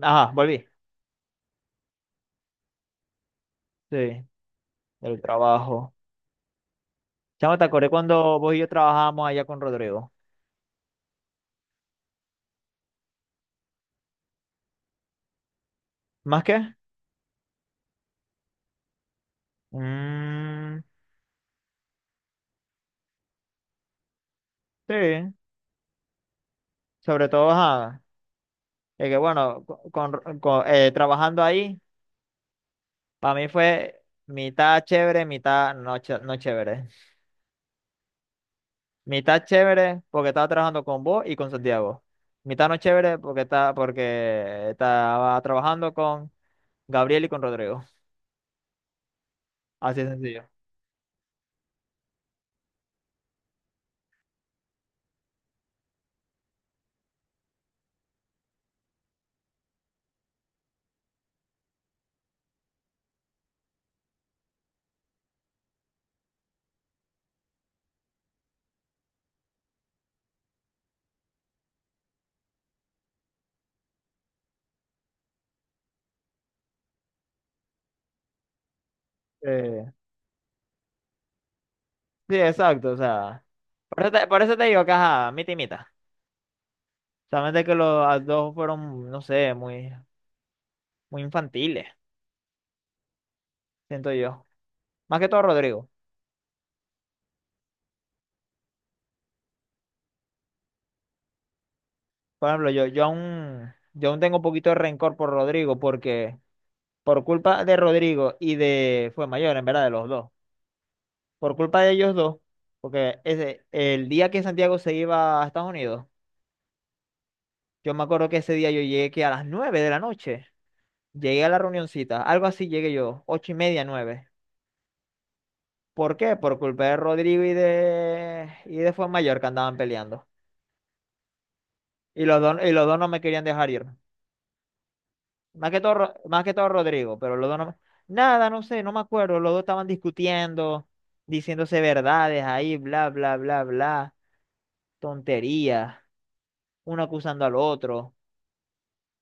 Ajá, volví. Sí, del trabajo. Chamo, te acordé cuando vos y yo trabajábamos allá con Rodrigo. ¿Más qué? Mm, sí, sobre todo, ajá. Es que bueno, trabajando ahí, para mí fue mitad chévere, mitad no, ch- no chévere. Mitad chévere porque estaba trabajando con vos y con Santiago. Mitad no chévere porque estaba trabajando con Gabriel y con Rodrigo. Así de sencillo. Eh, sí, exacto, o sea. Por eso te digo que, ajá, mitad y mitad. Solamente que los dos fueron, no sé, muy infantiles, siento yo. Más que todo Rodrigo. Por ejemplo, yo aún tengo un poquito de rencor por Rodrigo porque por culpa de Rodrigo y de, fue mayor, en verdad, de los dos. Por culpa de ellos dos, porque ese, el día que Santiago se iba a Estados Unidos, yo me acuerdo que ese día yo llegué que a las nueve de la noche. Llegué a la reunioncita, algo así llegué yo, ocho y media, nueve. ¿Por qué? Por culpa de Rodrigo y de Mayor que andaban peleando. Y los dos no me querían dejar ir. Más que todo Rodrigo, pero los dos no me. Nada, no sé, no me acuerdo. Los dos estaban discutiendo, diciéndose verdades ahí, bla, bla, bla, bla. Tonterías, uno acusando al otro.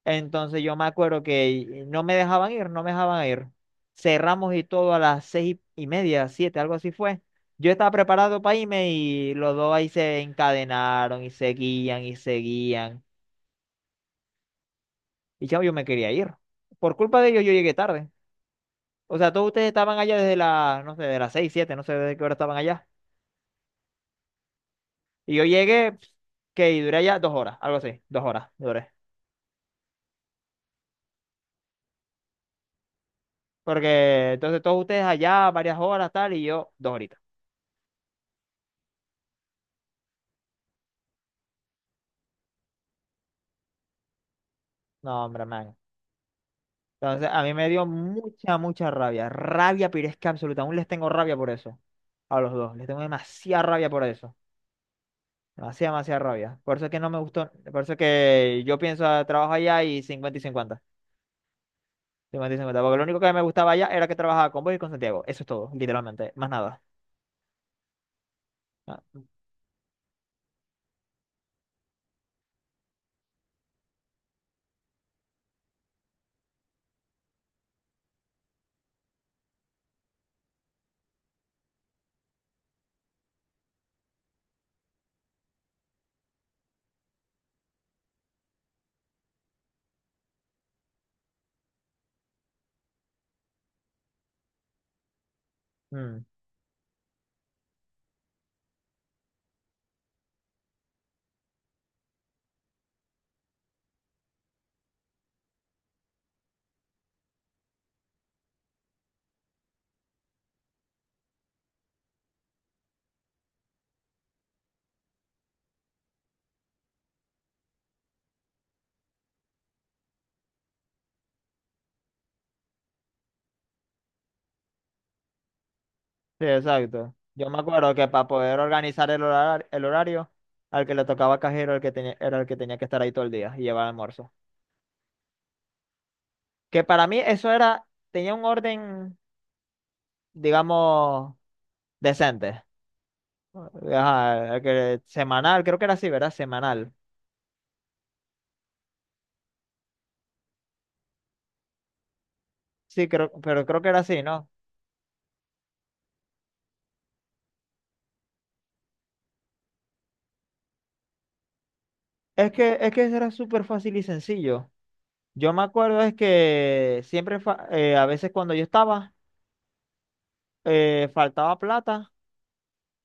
Entonces yo me acuerdo que no me dejaban ir. Cerramos y todo a las seis y media, siete, algo así fue. Yo estaba preparado para irme y los dos ahí se encadenaron y seguían. Y chavo, yo me quería ir. Por culpa de ellos yo llegué tarde. O sea, todos ustedes estaban allá desde las, no sé, de las seis, siete, no sé desde qué hora estaban allá. Y yo llegué, pf, que y duré allá dos horas, algo así, dos horas duré. Porque entonces todos ustedes allá varias horas, tal, y yo dos horitas. No, hombre, man. Entonces, a mí me dio mucha rabia. Rabia, pero es que absoluta. Aún les tengo rabia por eso. A los dos. Les tengo demasiada rabia por eso. Demasiada rabia. Por eso es que no me gustó. Por eso es que yo pienso a trabajo allá y 50, 50 y 50. Porque lo único que me gustaba allá era que trabajaba con vos y con Santiago. Eso es todo, literalmente. Más nada. Ah, mm. Sí, exacto. Yo me acuerdo que para poder organizar el horario, al que le tocaba cajero, era el que tenía que estar ahí todo el día y llevar almuerzo. Que para mí eso era, tenía un orden, digamos, decente. Ajá, que semanal, creo que era así, ¿verdad? Semanal. Sí, creo, pero creo que era así, ¿no? Es que era súper fácil y sencillo. Yo me acuerdo es que siempre, a veces cuando yo estaba, faltaba plata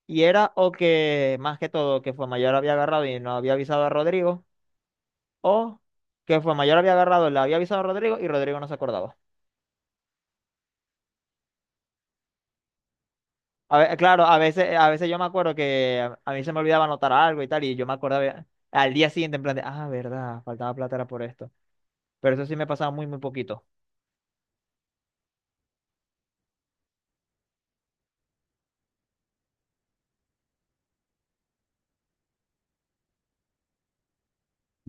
y era o que, más que todo, que Mayor había agarrado y no había avisado a Rodrigo, o que Mayor había agarrado, le había avisado a Rodrigo y Rodrigo no se acordaba. Claro, a veces yo me acuerdo que a mí se me olvidaba anotar algo y tal, y yo me acordaba al día siguiente en plan de, ah, verdad, faltaba plata era por esto. Pero eso sí me pasaba muy poquito.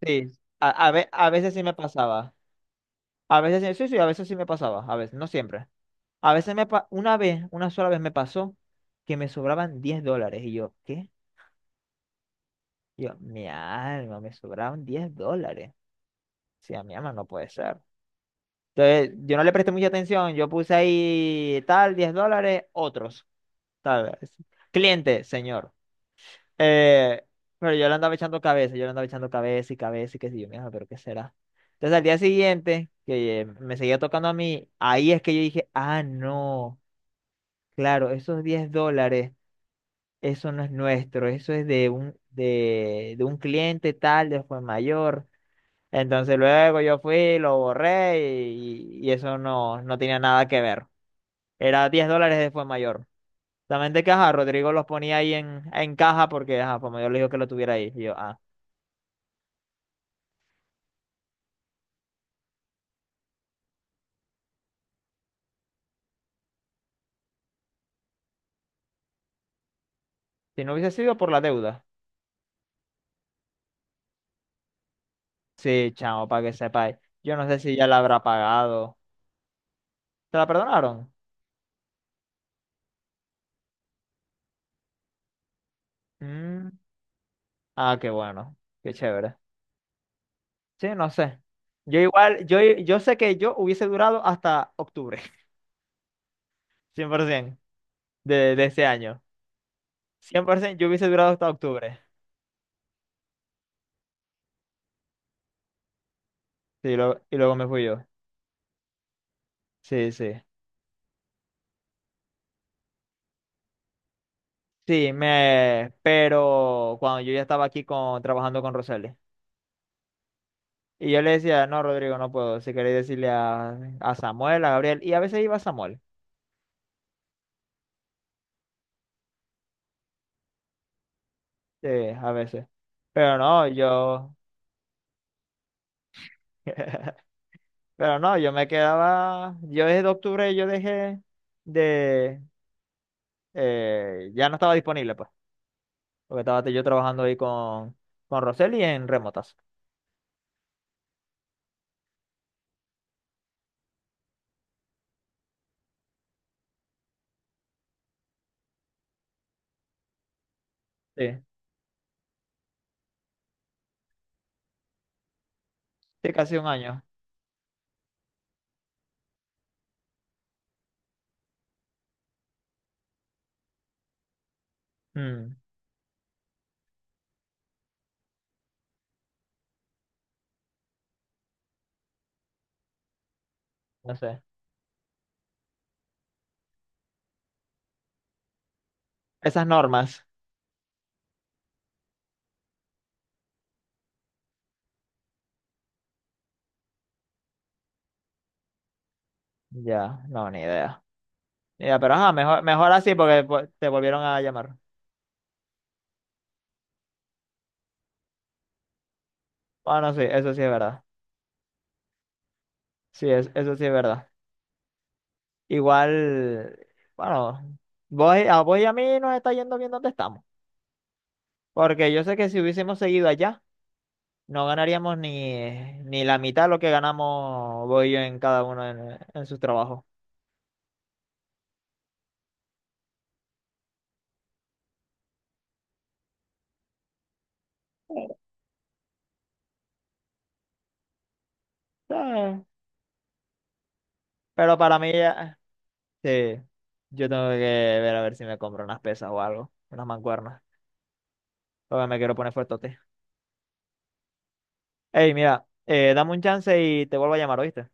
Sí, a veces sí me pasaba. A veces sí, a veces sí me pasaba, a veces, no siempre. A veces me pa- una vez, una sola vez me pasó que me sobraban diez dólares. Y yo, ¿qué? Y yo, mi alma, me sobraban 10 dólares. Sí, a mi alma no puede ser. Entonces, yo no le presté mucha atención, yo puse ahí tal, 10 dólares, otros. Tal vez. Cliente, señor. Eh, pero yo le andaba echando cabeza, yo le andaba echando cabeza y qué sé yo, mija, pero qué será. Entonces al día siguiente, que me seguía tocando a mí, ahí es que yo dije, ah, no, claro, esos 10 dólares, eso no es nuestro, eso es de un cliente tal, después mayor. Entonces luego yo fui, lo borré y eso no, no tenía nada que ver. Era 10 dólares de fue mayor. Solamente que, ajá, Rodrigo los ponía ahí en caja porque, ajá, como yo le digo que lo tuviera ahí. Y yo, ah, si no hubiese sido por la deuda. Sí, chamo, para que sepáis. Yo no sé si ya la habrá pagado. ¿Te la perdonaron? Mm, ah, qué bueno, qué chévere. Sí, no sé. Yo igual, yo sé que yo hubiese durado hasta octubre, 100% de ese año. 100% yo hubiese durado hasta octubre. Sí, lo- y luego me fui yo. Sí, sí. Sí, me, pero cuando yo ya estaba aquí con, trabajando con Roseli. Y yo le decía, no, Rodrigo, no puedo. Si queréis decirle a Samuel, a Gabriel. Y a veces iba Samuel. Sí, a veces. Pero no, yo. Pero no, yo me quedaba. Yo desde octubre yo dejé de. Eh, ya no estaba disponible, pues. Porque estaba yo trabajando ahí con Roseli en remotas. Sí. Sí, casi un año. Mm, no sé. Esas normas. Ya, no, ni idea. Ya pero ajá, mejor así porque pues, te volvieron a llamar. Bueno, sí, eso sí es verdad. Sí, es- eso sí es verdad. Igual, bueno, vos y a mí nos está yendo bien donde estamos. Porque yo sé que si hubiésemos seguido allá, no ganaríamos ni, ni la mitad de lo que ganamos vos y yo en cada uno en sus trabajos. Eh, Pero para mí, ya- sí, yo tengo que ver a ver si me compro unas pesas o algo, unas mancuernas. Porque me quiero poner fuertote. Ey, mira, dame un chance y te vuelvo a llamar, ¿oíste?